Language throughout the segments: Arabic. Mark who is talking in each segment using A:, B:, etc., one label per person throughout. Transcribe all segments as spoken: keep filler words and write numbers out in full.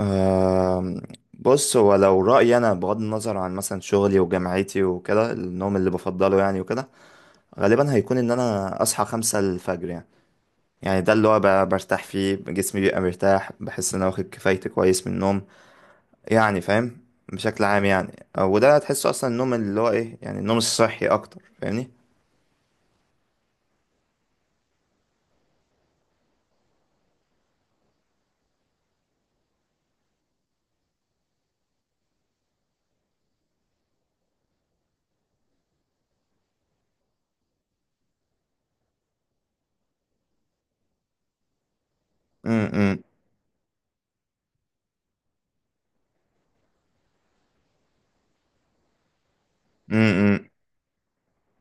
A: آم، بص، هو لو رأيي أنا بغض النظر عن مثلا شغلي وجامعتي وكده، النوم اللي بفضله يعني وكده غالبا هيكون إن أنا أصحى خمسة الفجر يعني. يعني ده اللي هو ب- برتاح فيه جسمي، بيبقى مرتاح، بحس إن أنا واخد كفايتي كويس من النوم. يعني فاهم. بشكل عام يعني، آه، وده تحسه أصلا، النوم اللي هو إيه يعني، النوم الصحي أكتر فاهمني. م- م-. م- م.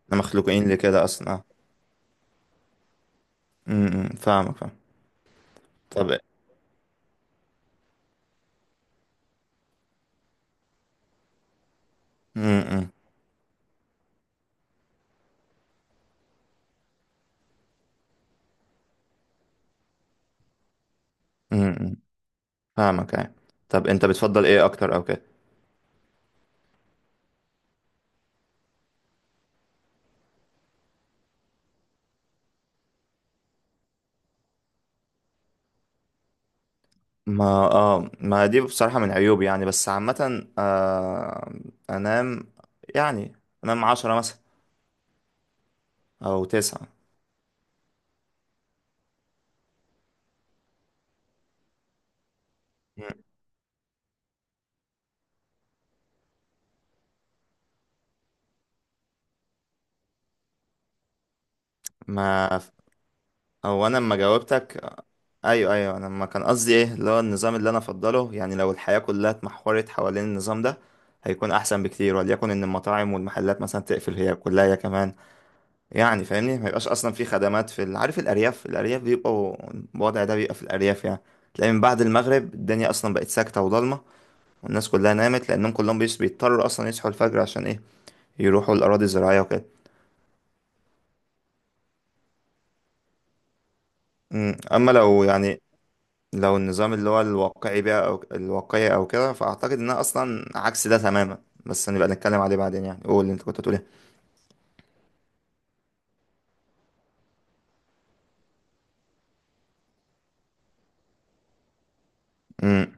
A: إحنا مخلوقين لكده أصلا، أه. م- م. فاهمك فاهم. طب. م- م- م- م. فاهمك يعني. طب، انت بتفضل ايه اكتر او كده؟ ما اه ما دي بصراحة من عيوبي يعني، بس عامة، آه انام، يعني انام عشرة مثلا او تسعة. مم. ما او انا لما جاوبتك، ايوه ايوه، انا ما كان قصدي ايه اللي هو النظام اللي انا افضله يعني. لو الحياة كلها اتمحورت حوالين النظام ده هيكون احسن بكتير، وليكن ان المطاعم والمحلات مثلا تقفل هي كلها هي كمان. يعني فاهمني، ما يبقاش اصلا في خدمات في ال- عارف الارياف، الارياف بيبقوا الوضع ده، بيبقى في الارياف يعني. تلاقي من بعد المغرب الدنيا اصلا بقت ساكته وضلمه، والناس كلها نامت، لانهم كلهم بيص- بيضطروا اصلا يصحوا الفجر عشان ايه؟ يروحوا الاراضي الزراعيه وكده. أمم، اما لو يعني، لو النظام اللي هو الواقعي بقى او الواقعي او كده، فاعتقد انها اصلا عكس ده تماما، بس نبقى نتكلم عليه بعدين يعني. قول اللي انت كنت هتقول ايه. أمم.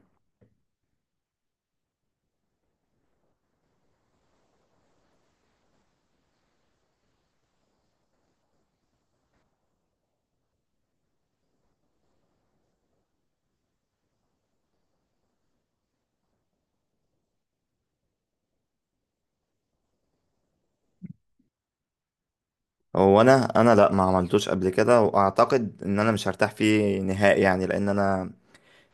A: هو انا انا لا، ما عملتوش قبل كده، واعتقد ان انا مش هرتاح فيه نهائي يعني، لان انا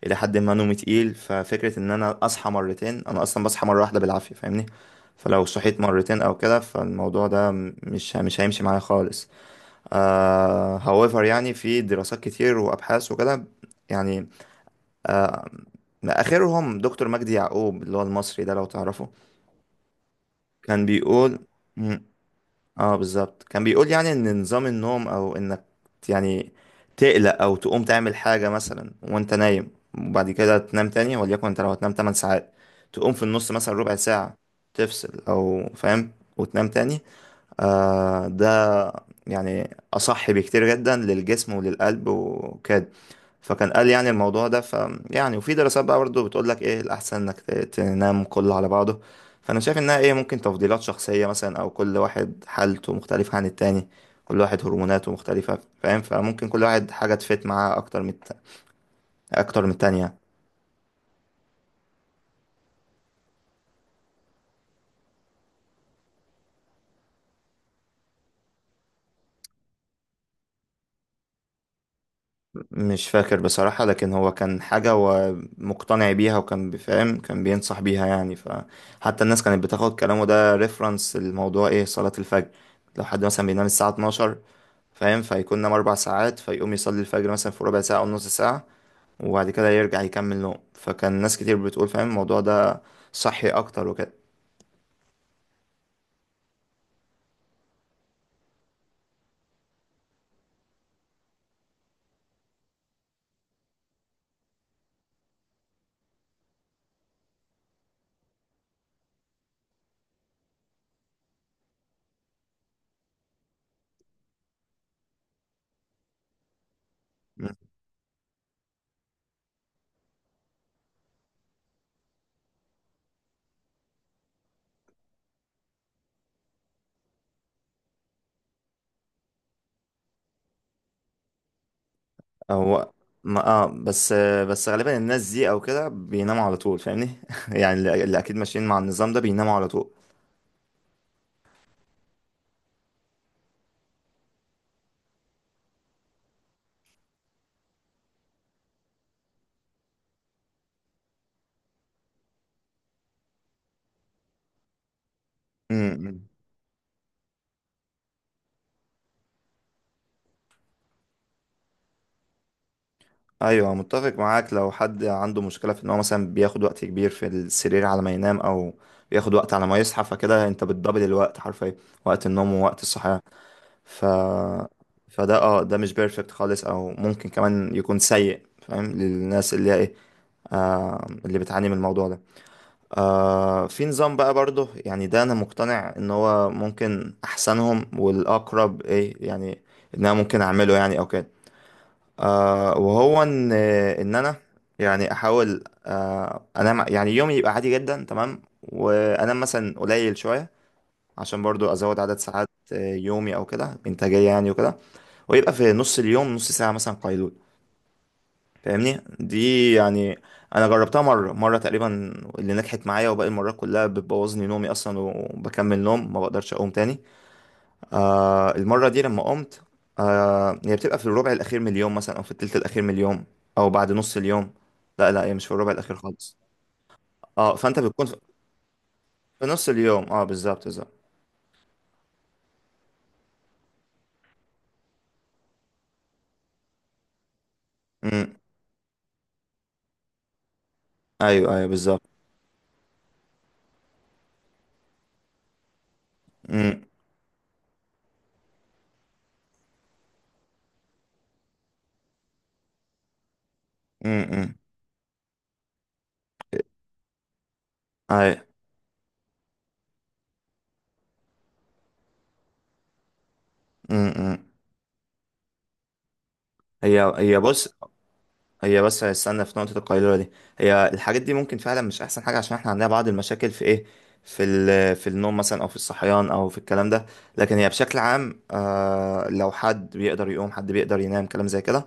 A: الى حد ما نومي تقيل، ففكره ان انا اصحى مرتين، انا اصلا بصحى مره واحده بالعافيه فاهمني. فلو صحيت مرتين او كده، فالموضوع ده م- مش مش هيمشي معايا خالص. آه however يعني، في دراسات كتير وابحاث وكده، يعني اخرهم دكتور مجدي يعقوب اللي هو المصري ده لو تعرفه. كان بيقول، اه بالظبط، كان بيقول يعني ان نظام النوم، او انك يعني تقلق او تقوم تعمل حاجة مثلا وانت نايم وبعد كده تنام تاني، وليكن انت لو هتنام 8 ساعات، تقوم في النص مثلا ربع ساعة، تفصل او فاهم، وتنام تاني. آه ده يعني أصح بكتير جدا للجسم وللقلب وكده. فكان قال يعني الموضوع ده ف، يعني وفي دراسات بقى برضه بتقول لك ايه الأحسن انك ت- تنام كله على بعضه. فأنا شايف إنها ايه، ممكن تفضيلات شخصية مثلا، أو كل واحد حالته مختلفة عن التاني، كل واحد هرموناته مختلفة فاهم، فممكن كل واحد حاجة تفيت معاه أكتر من الت- أكتر من التانية. مش فاكر بصراحة، لكن هو كان حاجة هو مقتنع بيها وكان بيفهم، كان بينصح بيها يعني، فحتى الناس كانت بتاخد كلامه ده ريفرنس. الموضوع ايه؟ صلاة الفجر. لو حد مثلا بينام الساعة اتناشر، فاهم، فيكون نام أربع ساعات، فيقوم يصلي الفجر مثلا في ربع ساعة أو نص ساعة، وبعد كده يرجع يكمل نوم. فكان ناس كتير بتقول فاهم الموضوع ده صحي أكتر وكده. م. هو ما اه بس، بس غالبا الناس دي او كده بيناموا على طول فاهمني. يعني اللي اللي اكيد ماشيين مع النظام ده بيناموا على طول. م- م. ايوه متفق معاك، لو حد عنده مشكله في ان هو مثلا بياخد وقت كبير في السرير على ما ينام، او بياخد وقت على ما يصحى، فكده انت بتدبل الوقت حرفيا، وقت النوم ووقت الصحيان. ف فده اه، ده مش بيرفكت خالص، او ممكن كمان يكون سيء فاهم، للناس اللي هي ايه، آه اللي بتعاني من الموضوع ده. آه، في نظام بقى برضه يعني، ده انا مقتنع ان هو ممكن احسنهم والاقرب ايه يعني، ان انا ممكن اعمله يعني او كده. آه، وهو ان ان انا يعني احاول، آه انام يعني يومي يبقى عادي جدا تمام، وانام مثلا قليل شويه، عشان برضو ازود عدد ساعات، آه، يومي او كده، انتاجيه يعني وكده. ويبقى في نص اليوم نص ساعه مثلا قيلول فاهمني دي يعني. انا جربتها مره مره تقريبا اللي نجحت معايا، وباقي المرات كلها بتبوظني نومي اصلا، وبكمل نوم ما بقدرش اقوم تاني. آه المرة دي لما قمت، آه هي بتبقى في الربع الأخير من اليوم مثلا، أو في التلت الأخير من اليوم، أو بعد نص اليوم. لا، لا، هي مش في الربع الأخير خالص. اه، فأنت بتكون في، في نص اليوم، اه بالظبط بالظبط. أمم، أيوه أيوه بالظبط. أمم. أمم. أمم. أيوه. أمم. أمم. هي هي بص، هي بس استنى في نقطة القيلولة دي. هي الحاجات دي ممكن فعلا مش أحسن حاجة، عشان احنا عندنا بعض المشاكل في ايه، في ال- في النوم مثلا أو في الصحيان أو في الكلام ده. لكن هي بشكل عام، آه، لو حد بيقدر يقوم، حد بيقدر ينام كلام زي كده،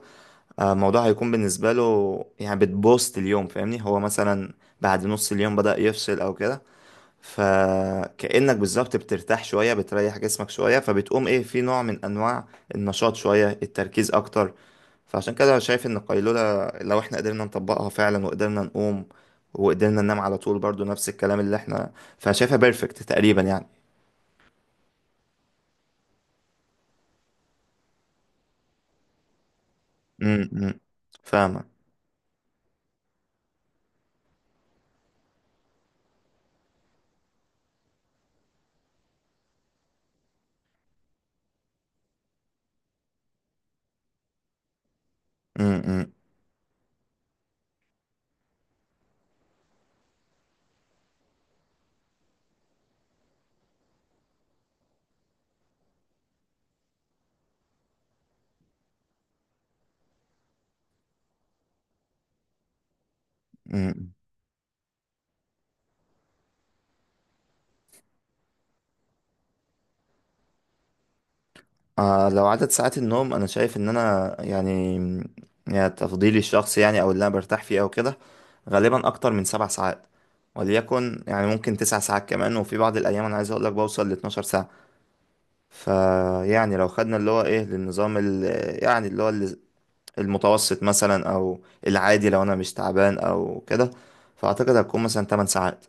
A: آه الموضوع هيكون بالنسبة له يعني بتبوست اليوم فاهمني. هو مثلا بعد نص اليوم بدأ يفصل أو كده، فكأنك بالظبط بترتاح شوية، بتريح جسمك شوية، فبتقوم ايه في نوع من انواع النشاط شوية، التركيز اكتر. فعشان كده أنا شايف ان القيلولة لو احنا قدرنا نطبقها فعلا وقدرنا نقوم، وقدرنا ننام على طول برضو نفس الكلام اللي احنا، فشايفها بيرفكت تقريبا يعني. امم. فاهمة. امم. آه لو عدد ساعات النوم، انا شايف ان انا يعني، يعني تفضيلي الشخصي يعني او اللي انا برتاح فيه او كده، غالبا اكتر من سبع ساعات، وليكن يعني ممكن تسع ساعات كمان، وفي بعض الايام انا عايز اقول لك بوصل ل 12 ساعة. فيعني لو خدنا اللي هو ايه للنظام ال- يعني اللي هو ال- المتوسط مثلا، او العادي لو انا مش تعبان او كده، فاعتقد هتكون مثلا 8 ساعات.